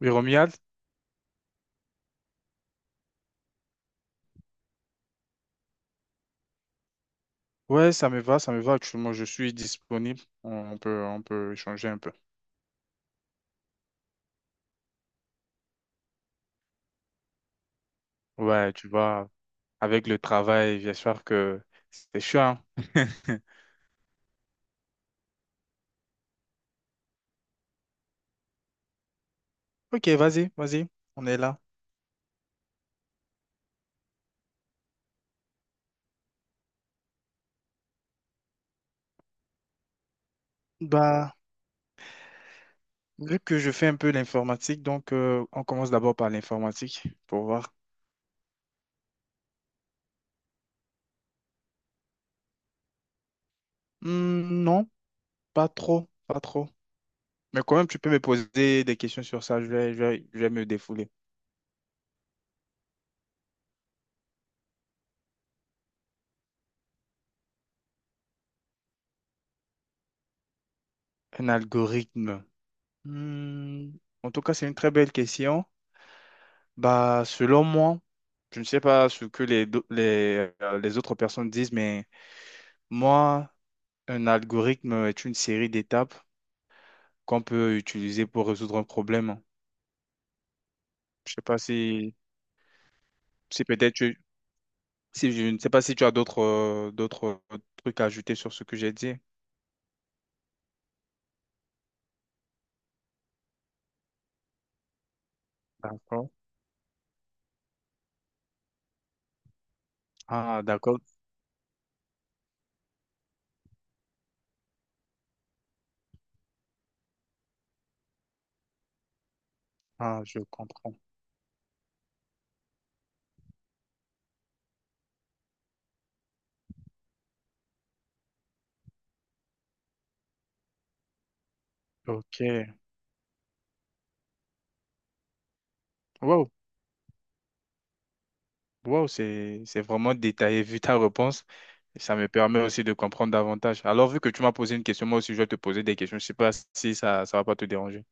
Oui, Romuald? Ouais, ça me va, ça me va. Actuellement, je suis disponible. On peut, on peut échanger un peu. Ouais, tu vois, avec le travail, bien sûr que c'est chiant. Ok, vas-y, vas-y, on est là. Bah, vu que je fais un peu l'informatique, donc on commence d'abord par l'informatique pour voir. Hmm, non, pas trop, pas trop. Mais quand même, tu peux me poser des questions sur ça, je vais, je vais, je vais me défouler. Un algorithme. Hmm, en tout cas, c'est une très belle question. Bah, selon moi, je ne sais pas ce que les autres personnes disent, mais moi, un algorithme est une série d'étapes qu'on peut utiliser pour résoudre un problème. Je sais pas si, si peut-être tu- si je ne sais pas si tu as d'autres trucs à ajouter sur ce que j'ai dit. D'accord. Ah, d'accord. Ah, je comprends. Ok. Wow. Wow, c'est vraiment détaillé vu ta réponse. Ça me permet aussi de comprendre davantage. Alors, vu que tu m'as posé une question, moi aussi, je vais te poser des questions. Je ne sais pas si ça va pas te déranger.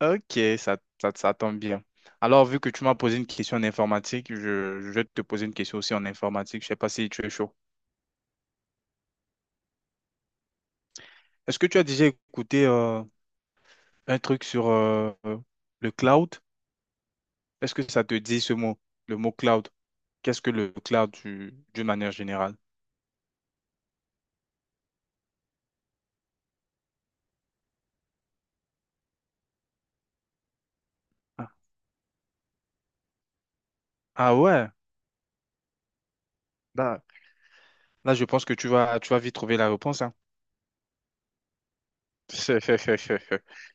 Ok, ça tombe bien. Alors, vu que tu m'as posé une question en informatique, je vais te poser une question aussi en informatique. Je ne sais pas si tu es chaud. Est-ce que tu as déjà écouté un truc sur le cloud? Est-ce que ça te dit ce mot, le mot cloud? Qu'est-ce que le cloud d'une manière générale? Ah ah ouais. Bah, là, je pense que tu vas vite trouver la réponse, hein.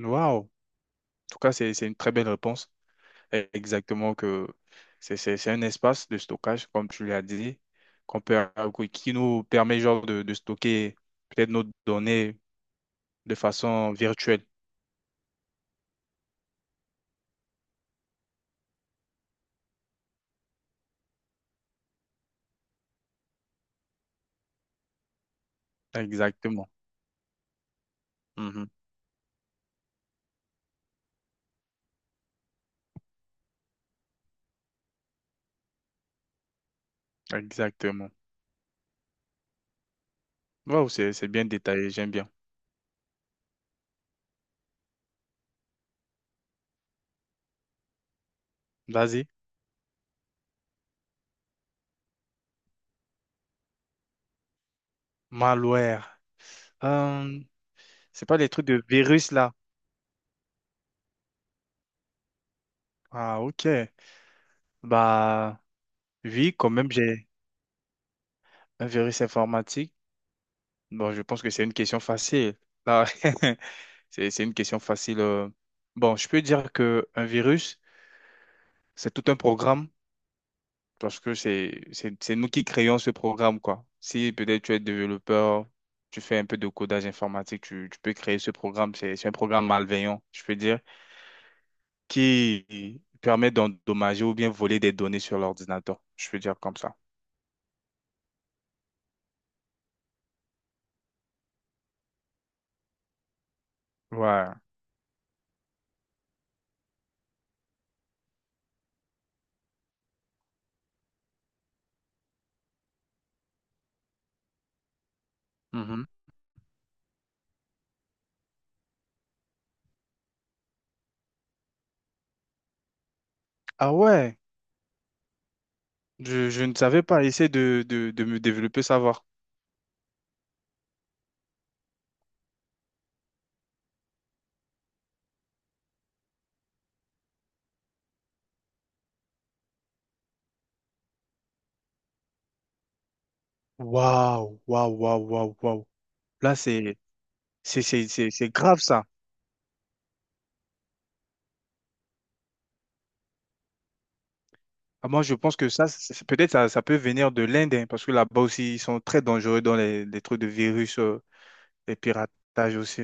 Waouh! En tout cas, c'est une très belle réponse. Eh, exactement que c'est un espace de stockage, comme tu l'as dit, qu'on peut, qui nous permet genre de stocker peut-être nos données de façon virtuelle. Exactement. Mhm. Exactement. Waouh, c'est bien détaillé, j'aime bien. Vas-y. Malware. Euh, c'est pas les trucs de virus là. Ah, ok. Bah, oui, quand même, j'ai. Un virus informatique? Bon, je pense que c'est une question facile. Là, c'est une question facile. Bon, je peux dire que un virus, c'est tout un programme parce que c'est nous qui créons ce programme, quoi. Si peut-être tu es développeur, tu fais un peu de codage informatique, tu peux créer ce programme. C'est un programme malveillant, je peux dire, qui permet d'endommager ou bien voler des données sur l'ordinateur. Je peux dire comme ça. Ouais. Mhm. Ah ouais, je ne savais pas. Essayer de me développer, savoir. Waouh, waouh, waouh, waouh, waouh. Là, c'est, c'est grave ça. Ah, moi, je pense que ça, peut-être ça, ça peut venir de l'Inde, hein, parce que là-bas aussi, ils sont très dangereux dans les trucs de virus, les piratages aussi.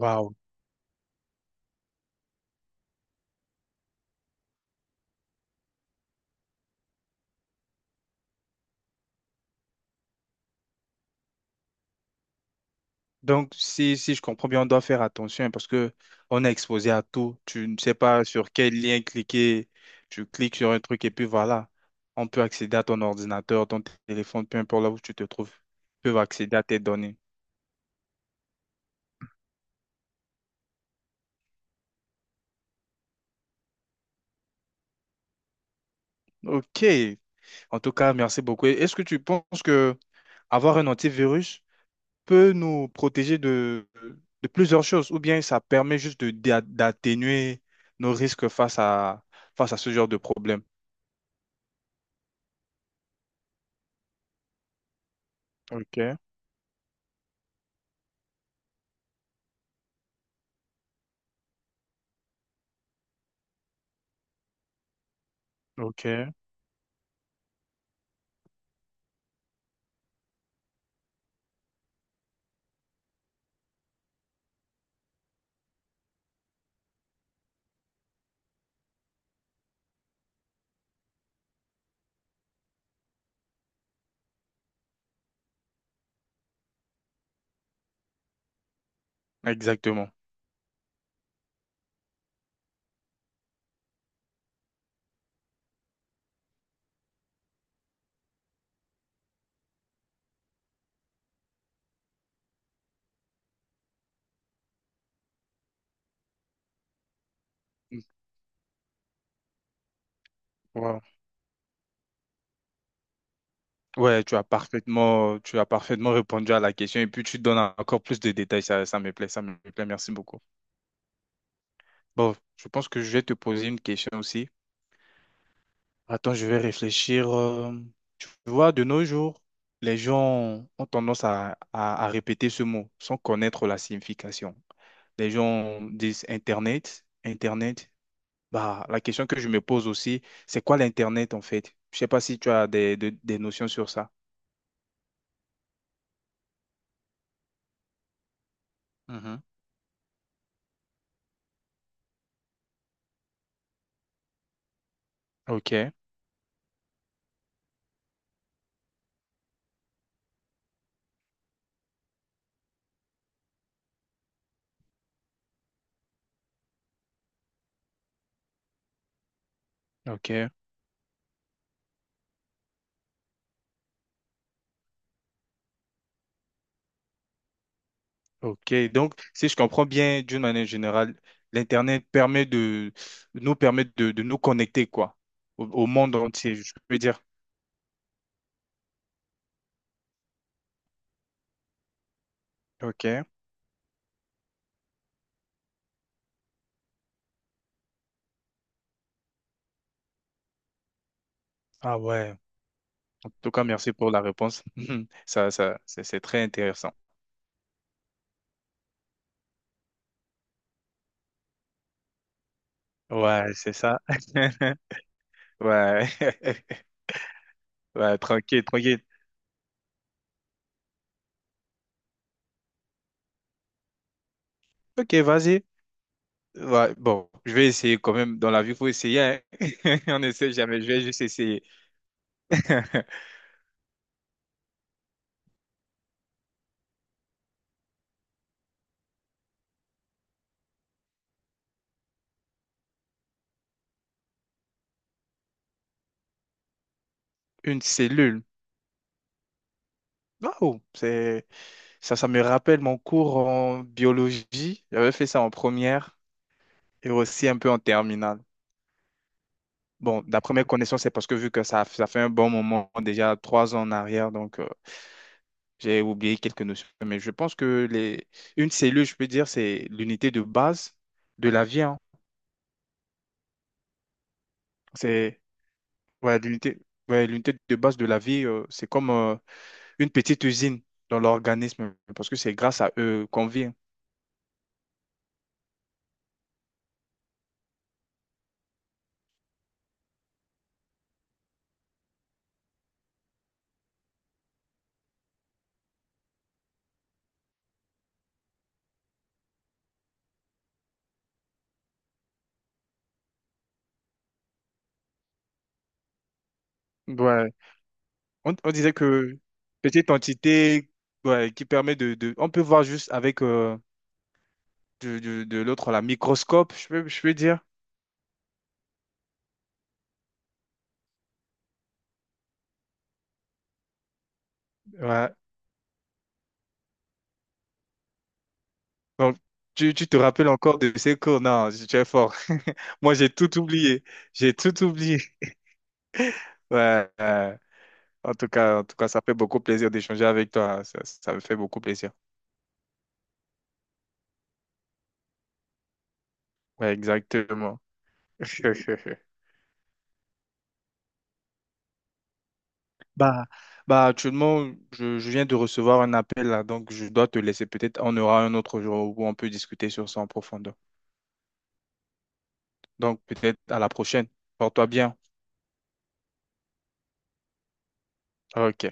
Waouh. Donc, si, si je comprends bien, on doit faire attention, hein, parce que on est exposé à tout. Tu ne sais pas sur quel lien cliquer. Tu cliques sur un truc et puis voilà. On peut accéder à ton ordinateur, ton téléphone, peu importe là où tu te trouves. Ils peuvent accéder à tes données. Ok. En tout cas, merci beaucoup. Et est-ce que tu penses que avoir un antivirus peut nous protéger de plusieurs choses, ou bien ça permet juste de, d'atténuer nos risques face à, face à ce genre de problème? Ok, ok, exactement. Wow. Ouais, tu as parfaitement répondu à la question et puis tu donnes encore plus de détails. Ça me plaît, ça me plaît. Merci beaucoup. Bon, je pense que je vais te poser une question aussi. Attends, je vais réfléchir. Tu vois, de nos jours, les gens ont tendance à, à répéter ce mot sans connaître la signification. Les gens disent Internet, Internet. Bah, la question que je me pose aussi, c'est quoi l'Internet en fait? Je sais pas si tu as des, des notions sur ça. Mhm. Ok, ok, ok. Donc, si je comprends bien, d'une manière générale, l'Internet permet de nous connecter quoi, au, au monde entier, je peux dire. Ok. Ah ouais. En tout cas, merci pour la réponse. Ça, c'est très intéressant. Ouais, c'est ça. Ouais. Ouais, tranquille, tranquille. Ok, vas-y. Ouais, bon, je vais essayer quand même. Dans la vie, il faut essayer, hein. On n'essaie jamais. Je vais juste essayer. Une cellule. Waouh, c'est ça, ça me rappelle mon cours en biologie. J'avais fait ça en première et aussi un peu en terminale. Bon, d'après mes connaissances, c'est parce que vu que ça fait un bon moment, déjà 3 ans en arrière, donc. J'ai oublié quelques notions, mais je pense que les... une cellule, je peux dire, c'est l'unité de base de la vie, hein. C'est ouais, l'unité ouais, l'unité de base de la vie, c'est comme une petite usine dans l'organisme, parce que c'est grâce à eux qu'on vit, hein. Ouais. On disait que petite entité ouais, qui permet de, on peut voir juste avec de, de l'autre, la microscope, je peux dire. Ouais. Bon, tu te rappelles encore de ces cours? Non, tu es fort. Moi, j'ai tout oublié. J'ai tout oublié. Ouais, en tout cas, ça fait beaucoup plaisir d'échanger avec toi. Ça me fait beaucoup plaisir. Ouais, exactement. Bah, bah, actuellement, je viens de recevoir un appel là, donc je dois te laisser. Peut-être on aura un autre jour où on peut discuter sur ça en profondeur. Donc, peut-être à la prochaine. Porte-toi bien. Ok.